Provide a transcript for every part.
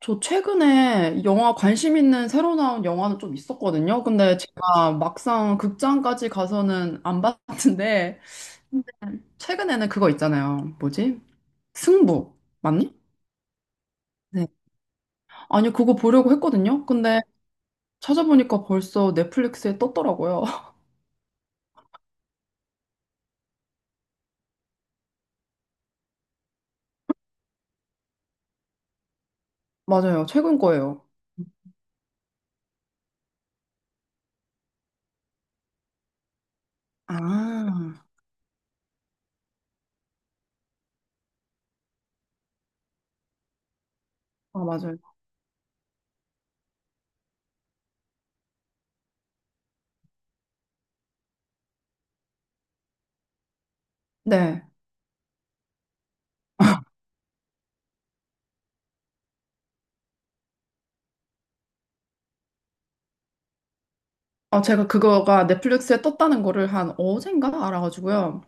저 최근에 영화 관심 있는 새로 나온 영화는 좀 있었거든요. 근데 제가 막상 극장까지 가서는 안 봤는데, 근데 최근에는 그거 있잖아요. 뭐지? 승부. 맞니? 네. 아니, 그거 보려고 했거든요. 근데 찾아보니까 벌써 넷플릭스에 떴더라고요. 맞아요. 최근 거예요. 아, 아, 맞아요. 네. 아, 제가 그거가 넷플릭스에 떴다는 거를 한 어젠가 알아가지고요.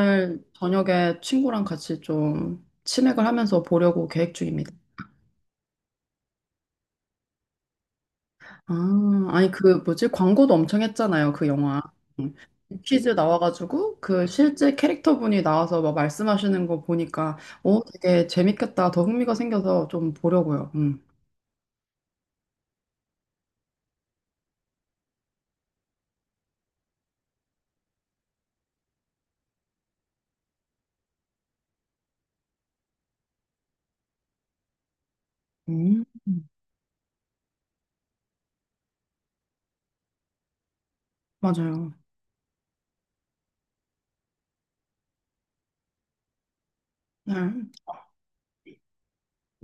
오늘 저녁에 친구랑 같이 좀 치맥을 하면서 보려고 계획 중입니다. 아, 아니 그 뭐지? 광고도 엄청 했잖아요, 그 영화. 음. 퀴즈 나와가지고 그 실제 캐릭터분이 나와서 막 말씀하시는 거 보니까 되게 재밌겠다. 더 흥미가 생겨서 좀 보려고요. 음. 음. 맞아요. 네.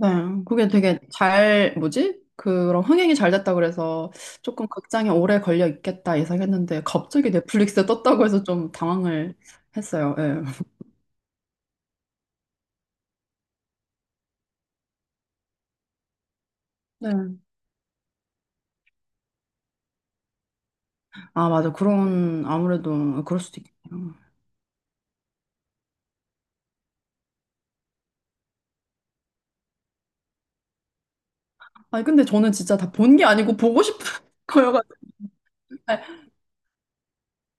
네, 그게 되게 잘, 뭐지? 그런 흥행이 잘 됐다 그래서 조금 극장에 오래 걸려 있겠다 예상했는데 갑자기 넷플릭스에 떴다고 해서 좀 당황을 했어요. 예. 네. 아, 맞아. 그런, 아무래도 그럴 수도 있겠네요. 아니, 근데 저는 진짜 다 본 게 아니고 보고 싶은 거여가지고.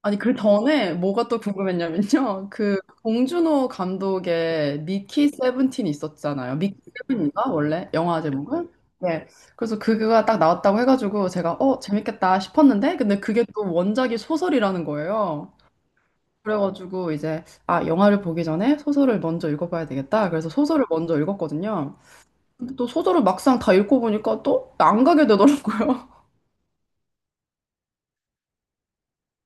아니, 그 전에 뭐가 또 궁금했냐면요. 그 봉준호 감독의 미키 세븐틴이 있었잖아요. 미키 세븐인가? 원래 영화 제목은? 네. 그래서 그거가 딱 나왔다고 해가지고 제가 재밌겠다 싶었는데 근데 그게 또 원작이 소설이라는 거예요. 그래가지고 이제 아, 영화를 보기 전에 소설을 먼저 읽어봐야 되겠다. 그래서 소설을 먼저 읽었거든요. 근데 또 소설을 막상 다 읽고 보니까 또 안 가게 되더라고요.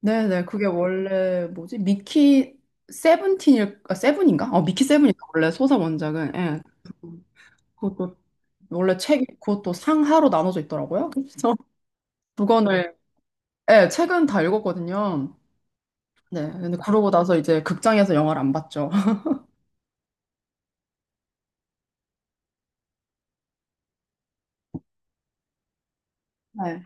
네네, 그게 원래 뭐지? 미키 세븐틴일, 아, 세븐인가? 미키 세븐인가? 원래 소설 원작은. 예. 그것도 원래 책, 그것도 상하로 나눠져 있더라고요. 그래서 두 권을, 예, 책은 다 읽었거든요. 네, 근데 그러고 나서 이제 극장에서 영화를 안 봤죠. 네.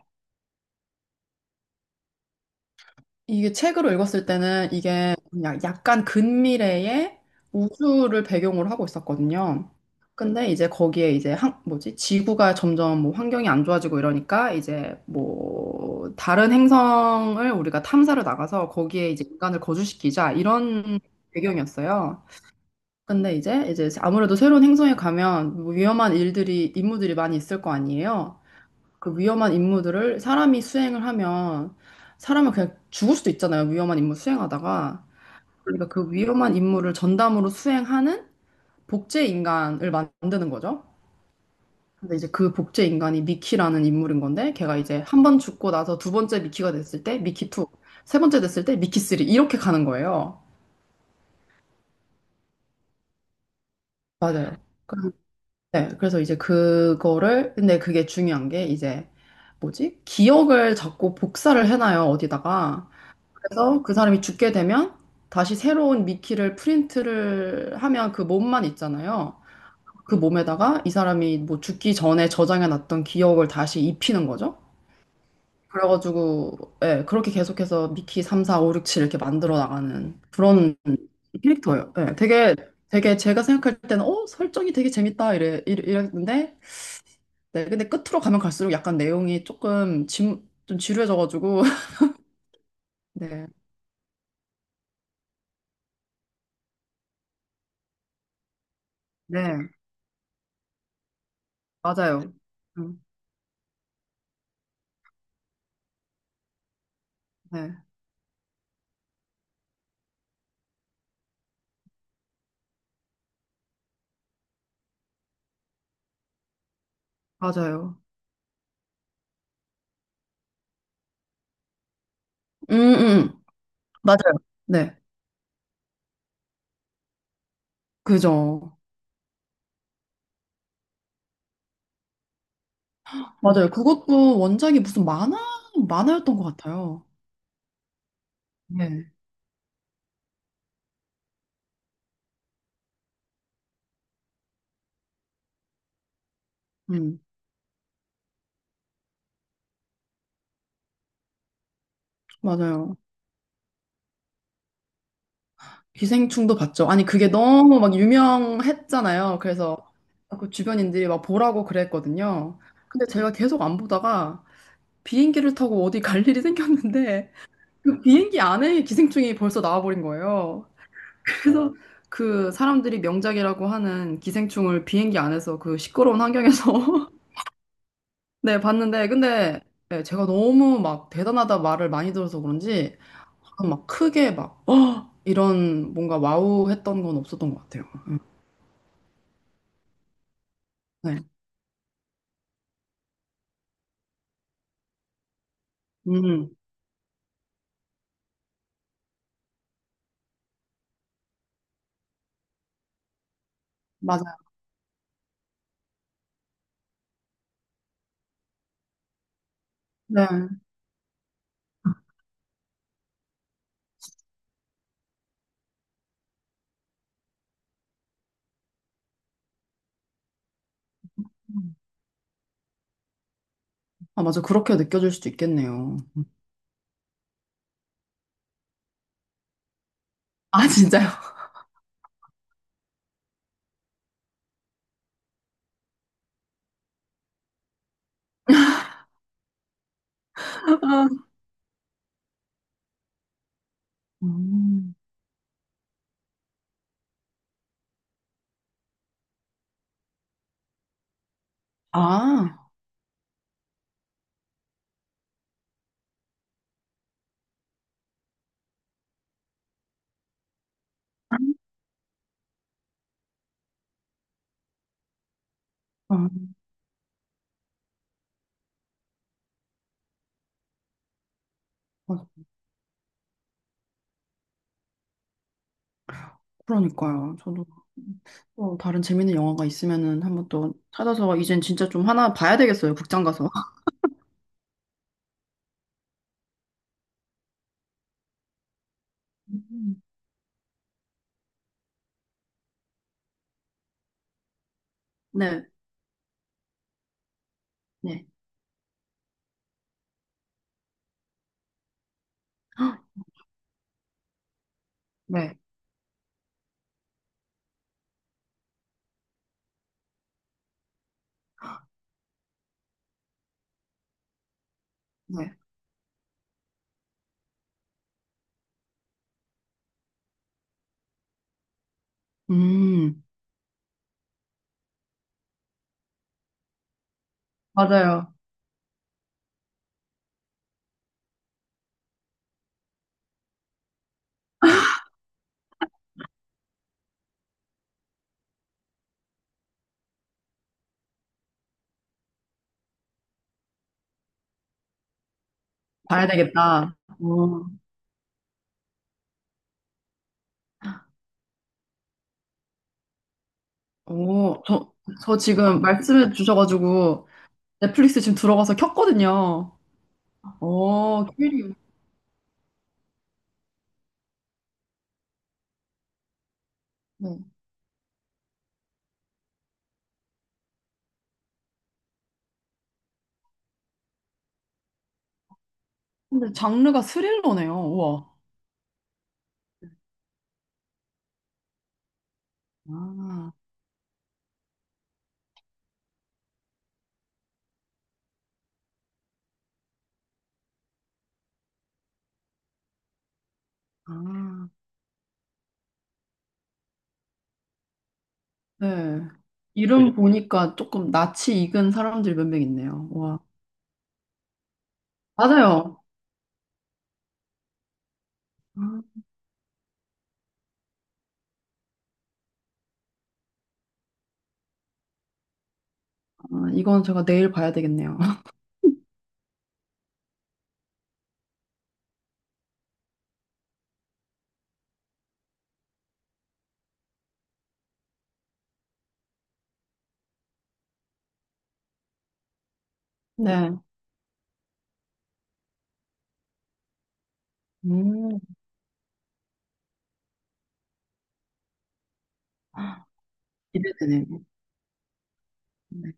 이게 책으로 읽었을 때는 이게 그냥 약간 근미래의 우주를 배경으로 하고 있었거든요. 근데 이제 거기에 이제 한, 뭐지? 지구가 점점 뭐 환경이 안 좋아지고 이러니까 이제 뭐 다른 행성을 우리가 탐사를 나가서 거기에 이제 인간을 거주시키자 이런 배경이었어요. 근데 이제 아무래도 새로운 행성에 가면 뭐 위험한 일들이 임무들이 많이 있을 거 아니에요. 그 위험한 임무들을 사람이 수행을 하면 사람은 그냥 죽을 수도 있잖아요. 위험한 임무 수행하다가. 그러니까 그 위험한 임무를 전담으로 수행하는 복제 인간을 만드는 거죠. 근데 이제 그 복제 인간이 미키라는 인물인 건데 걔가 이제 한 번 죽고 나서 두 번째 미키가 됐을 때 미키 2, 세 번째 됐을 때 미키 3 이렇게 가는 거예요. 맞아요. 그- 네, 그래서 이제 그거를 근데 그게 중요한 게 이제 뭐지? 기억을 자꾸 복사를 해놔요, 어디다가. 그래서 그 사람이 죽게 되면 다시 새로운 미끼를 프린트를 하면 그 몸만 있잖아요. 그 몸에다가 이 사람이 뭐 죽기 전에 저장해 놨던 기억을 다시 입히는 거죠. 그래가지고 예, 그렇게 계속해서 미키 3, 4, 5, 6, 7 이렇게 만들어 나가는 그런 캐릭터예요. 예, 되게 제가 생각할 때는 설정이 되게 재밌다 이랬는데 네, 근데 끝으로 가면 갈수록 약간 내용이 조금 좀 지루해져가지고 네, 네, 맞아요. 음, 네. 맞아요. 음, 음. 맞아요. 네. 그죠. 맞아요. 그것도 원작이 무슨 만화였던 것 같아요. 네. 음, 맞아요. 기생충도 봤죠. 아니, 그게 너무 막 유명했잖아요. 그래서 그 주변인들이 막 보라고 그랬거든요. 근데 제가 계속 안 보다가 비행기를 타고 어디 갈 일이 생겼는데 그 비행기 안에 기생충이 벌써 나와버린 거예요. 그래서 그 사람들이 명작이라고 하는 기생충을 비행기 안에서 그 시끄러운 환경에서 네, 봤는데, 근데, 네, 제가 너무 막 대단하다 말을 많이 들어서 그런지, 막 크게 막, 어! 이런 뭔가 와우 했던 건 없었던 것 같아요. 네. 음, 맞아요. 네. 아, 맞아. 그렇게 느껴질 수도 있겠네요. 아, 진짜요? 음. 아, 아, 아, 그러니까요. 저도 또 다른 재밌는 영화가 있으면은 한번 또 찾아서, 이젠 진짜 좀 하나 봐야 되겠어요. 극장 가서. 음. 네, 네. 헉, 네, 네. 음, 맞아요. 봐야 되겠다. 어, 저, 저 지금 말씀해 주셔가지고 넷플릭스 지금 들어가서 켰거든요. 어, 퀴리. 네. 근데 장르가 스릴러네요. 우와. 아, 아. 네. 이름 보니까 조금 낯이 익은 사람들이 몇 명 있네요. 와. 맞아요. 아, 아, 이건 제가 내일 봐야 되겠네요. 네. 음, 기대되네요. 네.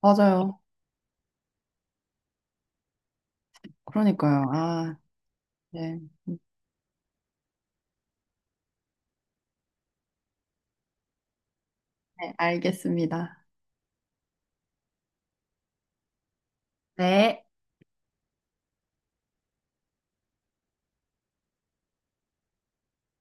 맞아요. 그러니까요. 아, 네. 네, 알겠습니다. 네.